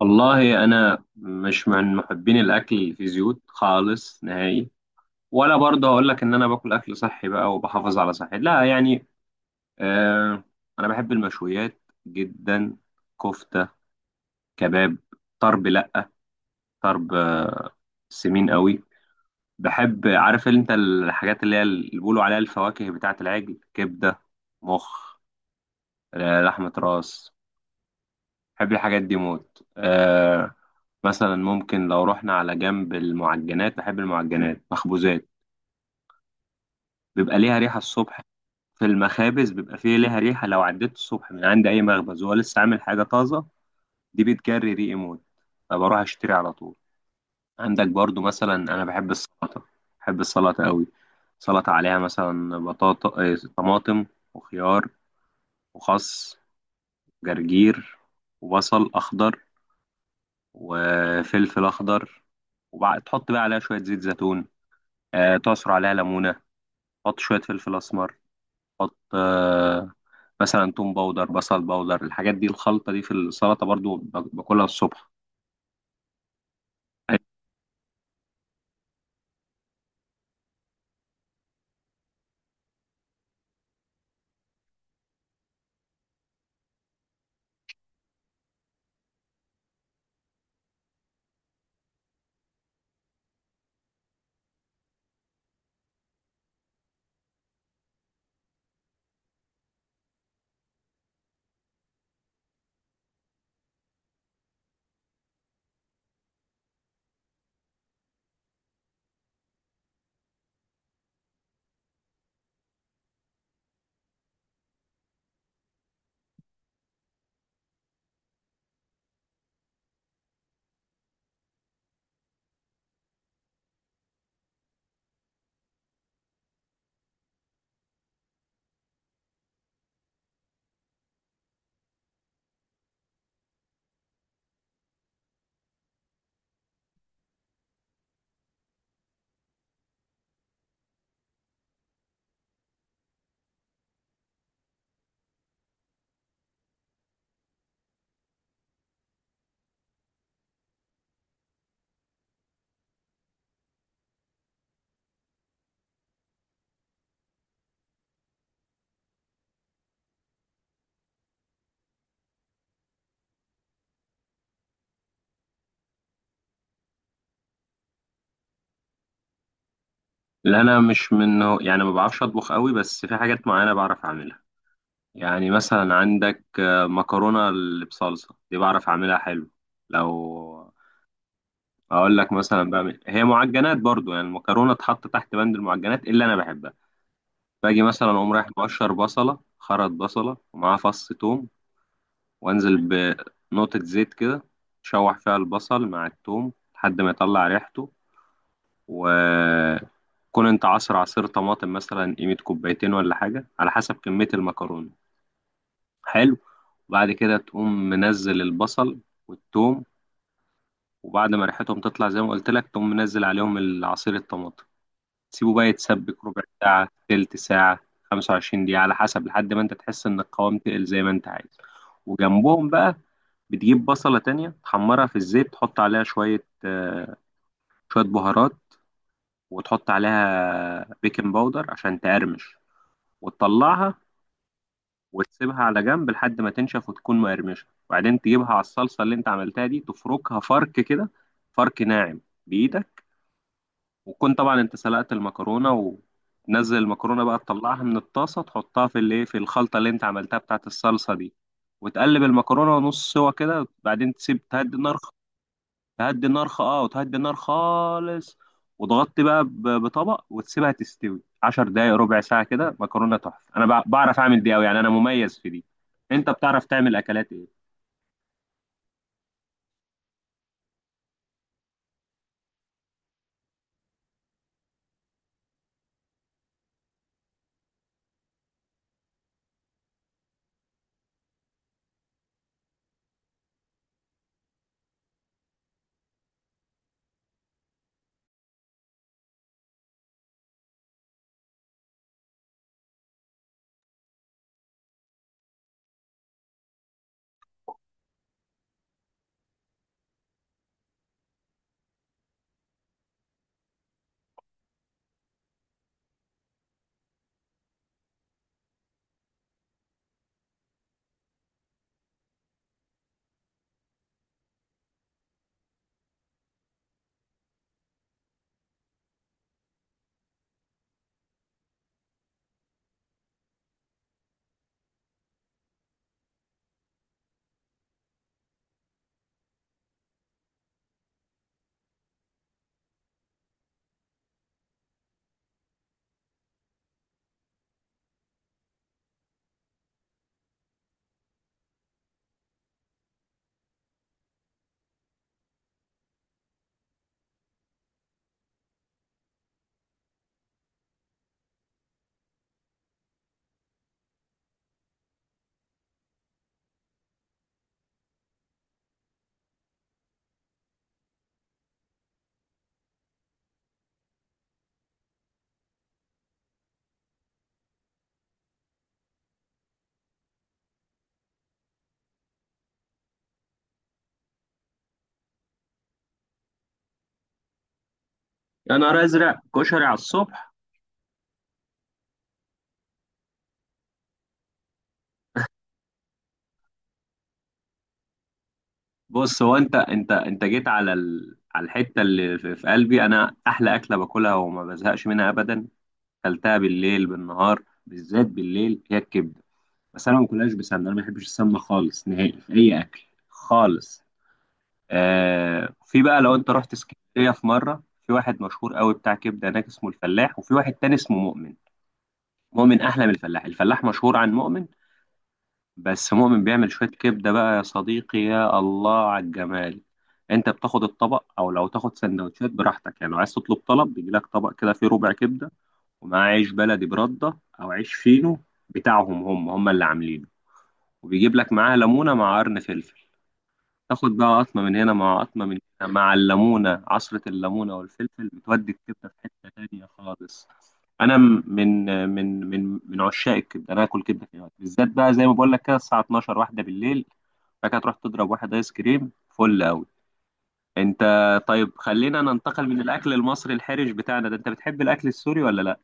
والله انا مش من محبين الاكل اللي فيه زيوت خالص نهائي. ولا برضه هقول لك ان انا باكل اكل صحي بقى وبحافظ على صحتي، لا يعني. آه. انا بحب المشويات جدا، كفته، كباب، طرب، لا، طرب، آه، سمين قوي. بحب، عارف انت الحاجات اللي هي اللي بيقولوا عليها الفواكه بتاعه العجل، كبده، مخ، لحمه راس. بحب الحاجات دي موت مثلا ممكن لو رحنا على جنب المعجنات، بحب المعجنات، مخبوزات. بيبقى ليها ريحة الصبح في المخابز، بيبقى فيه ليها ريحة. لو عديت الصبح من عند أي مخبز وهو لسه عامل حاجة طازة، دي بتجري ريقي موت، فبروح أشتري على طول. عندك برضو مثلا أنا بحب السلطة، بحب السلطة قوي. سلطة عليها مثلا بطاطا، طماطم، وخيار، وخس، جرجير، وبصل أخضر، وفلفل أخضر. وبعد تحط بقى عليها شوية زيت زيتون، تعصر عليها ليمونة، حط شوية فلفل أسمر، حط آه، مثلا توم باودر، بصل باودر، الحاجات دي، الخلطة دي في السلطة برضو باكلها الصبح. لا أنا مش منه يعني، ما بعرفش أطبخ قوي، بس في حاجات معينة بعرف أعملها. يعني مثلا عندك، مكرونة اللي بصلصة دي بعرف أعملها حلو. لو أقول لك، مثلا بعمل هي معجنات برضو، يعني المكرونة تحط تحت بند المعجنات اللي أنا بحبها. باجي مثلا أقوم رايح مقشر بصلة، خرط بصلة ومعاه فص توم، وانزل بنقطة زيت كده، شوح فيها البصل مع الثوم لحد ما يطلع ريحته. وكون انت عصر عصير طماطم مثلا قيمة كوبايتين ولا حاجة على حسب كمية المكرونة. حلو. وبعد كده تقوم منزل البصل والثوم، وبعد ما ريحتهم تطلع زي ما قلت لك، تقوم منزل عليهم العصير الطماطم، تسيبه بقى يتسبك ربع ساعة، تلت ساعة، 25 دقيقة على حسب، لحد ما انت تحس ان القوام تقل زي ما انت عايز. وجنبهم بقى بتجيب بصلة تانية تحمرها في الزيت، تحط عليها شوية، شوية بهارات، وتحط عليها بيكنج باودر عشان تقرمش، وتطلعها وتسيبها على جنب لحد ما تنشف وتكون مقرمشة. وبعدين تجيبها على الصلصة اللي انت عملتها دي، تفركها فرك كده، فرك ناعم بإيدك. وتكون طبعا انت سلقت المكرونة، وتنزل المكرونة بقى، تطلعها من الطاسة، تحطها في الايه، في الخلطة اللي انت عملتها بتاعت الصلصة دي، وتقلب المكرونة نص سوا كده. بعدين تسيب تهدي النار، تهدي النار خ... اه وتهدي النار خالص، وتغطي بقى بطبق، وتسيبها تستوي 10 دقايق، ربع ساعة كده، مكرونة تحفة. انا بعرف اعمل دي قوي يعني، انا مميز في دي. انت بتعرف تعمل اكلات ايه؟ يا نهار ازرق، كشري على الصبح؟ بص، هو انت جيت على على الحتة اللي في قلبي. انا احلى اكلة باكلها وما بزهقش منها ابدا، اكلتها بالليل بالنهار، بالذات بالليل، هي الكبدة. بس انا ما باكلهاش بسمنة، انا ما بحبش السمنة خالص نهائي في اي اكل خالص. آه، في بقى لو انت رحت اسكندريه في مره، في واحد مشهور قوي بتاع كبده هناك اسمه الفلاح، وفي واحد تاني اسمه مؤمن. مؤمن احلى من الفلاح، الفلاح مشهور عن مؤمن، بس مؤمن بيعمل شويه كبده بقى يا صديقي، يا الله على الجمال. انت بتاخد الطبق او لو تاخد سندوتشات براحتك. يعني لو عايز تطلب طلب، بيجي لك طبق كده فيه ربع كبده، ومعاه عيش بلدي برده او عيش فينو بتاعهم، هم هم اللي عاملينه، وبيجيب لك معاه ليمونه مع قرن فلفل. تاخد بقى قطمة من هنا مع قطمة من هنا مع الليمونة، عصرة الليمونة والفلفل بتودي الكبدة في حتة تانية خالص. أنا من عشاق الكبدة، أنا آكل كبدة في أي وقت، بالذات بقى زي ما بقول لك كده الساعة 12 واحدة بالليل، بعد كده تروح تضرب واحد آيس كريم فل أوي. أنت، طيب خلينا ننتقل من الأكل المصري الحرج بتاعنا ده، أنت بتحب الأكل السوري ولا لأ؟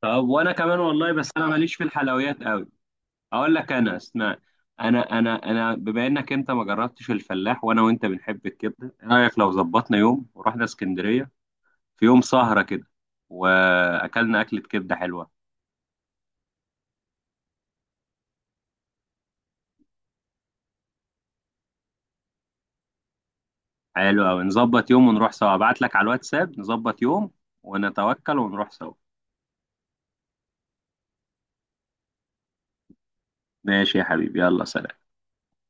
طب وأنا كمان والله، بس أنا ماليش في الحلويات أوي. اقول لك، انا اسمع، انا بما انك انت ما جربتش الفلاح، وانا وانت بنحب الكبده، ايه رايك لو ظبطنا يوم ورحنا اسكندريه، في يوم سهره كده، واكلنا اكله كبده حلوه. حلو قوي، نظبط يوم ونروح سوا، ابعت لك على الواتساب، نظبط يوم ونتوكل ونروح سوا. ماشي يا حبيبي، يلا سلام.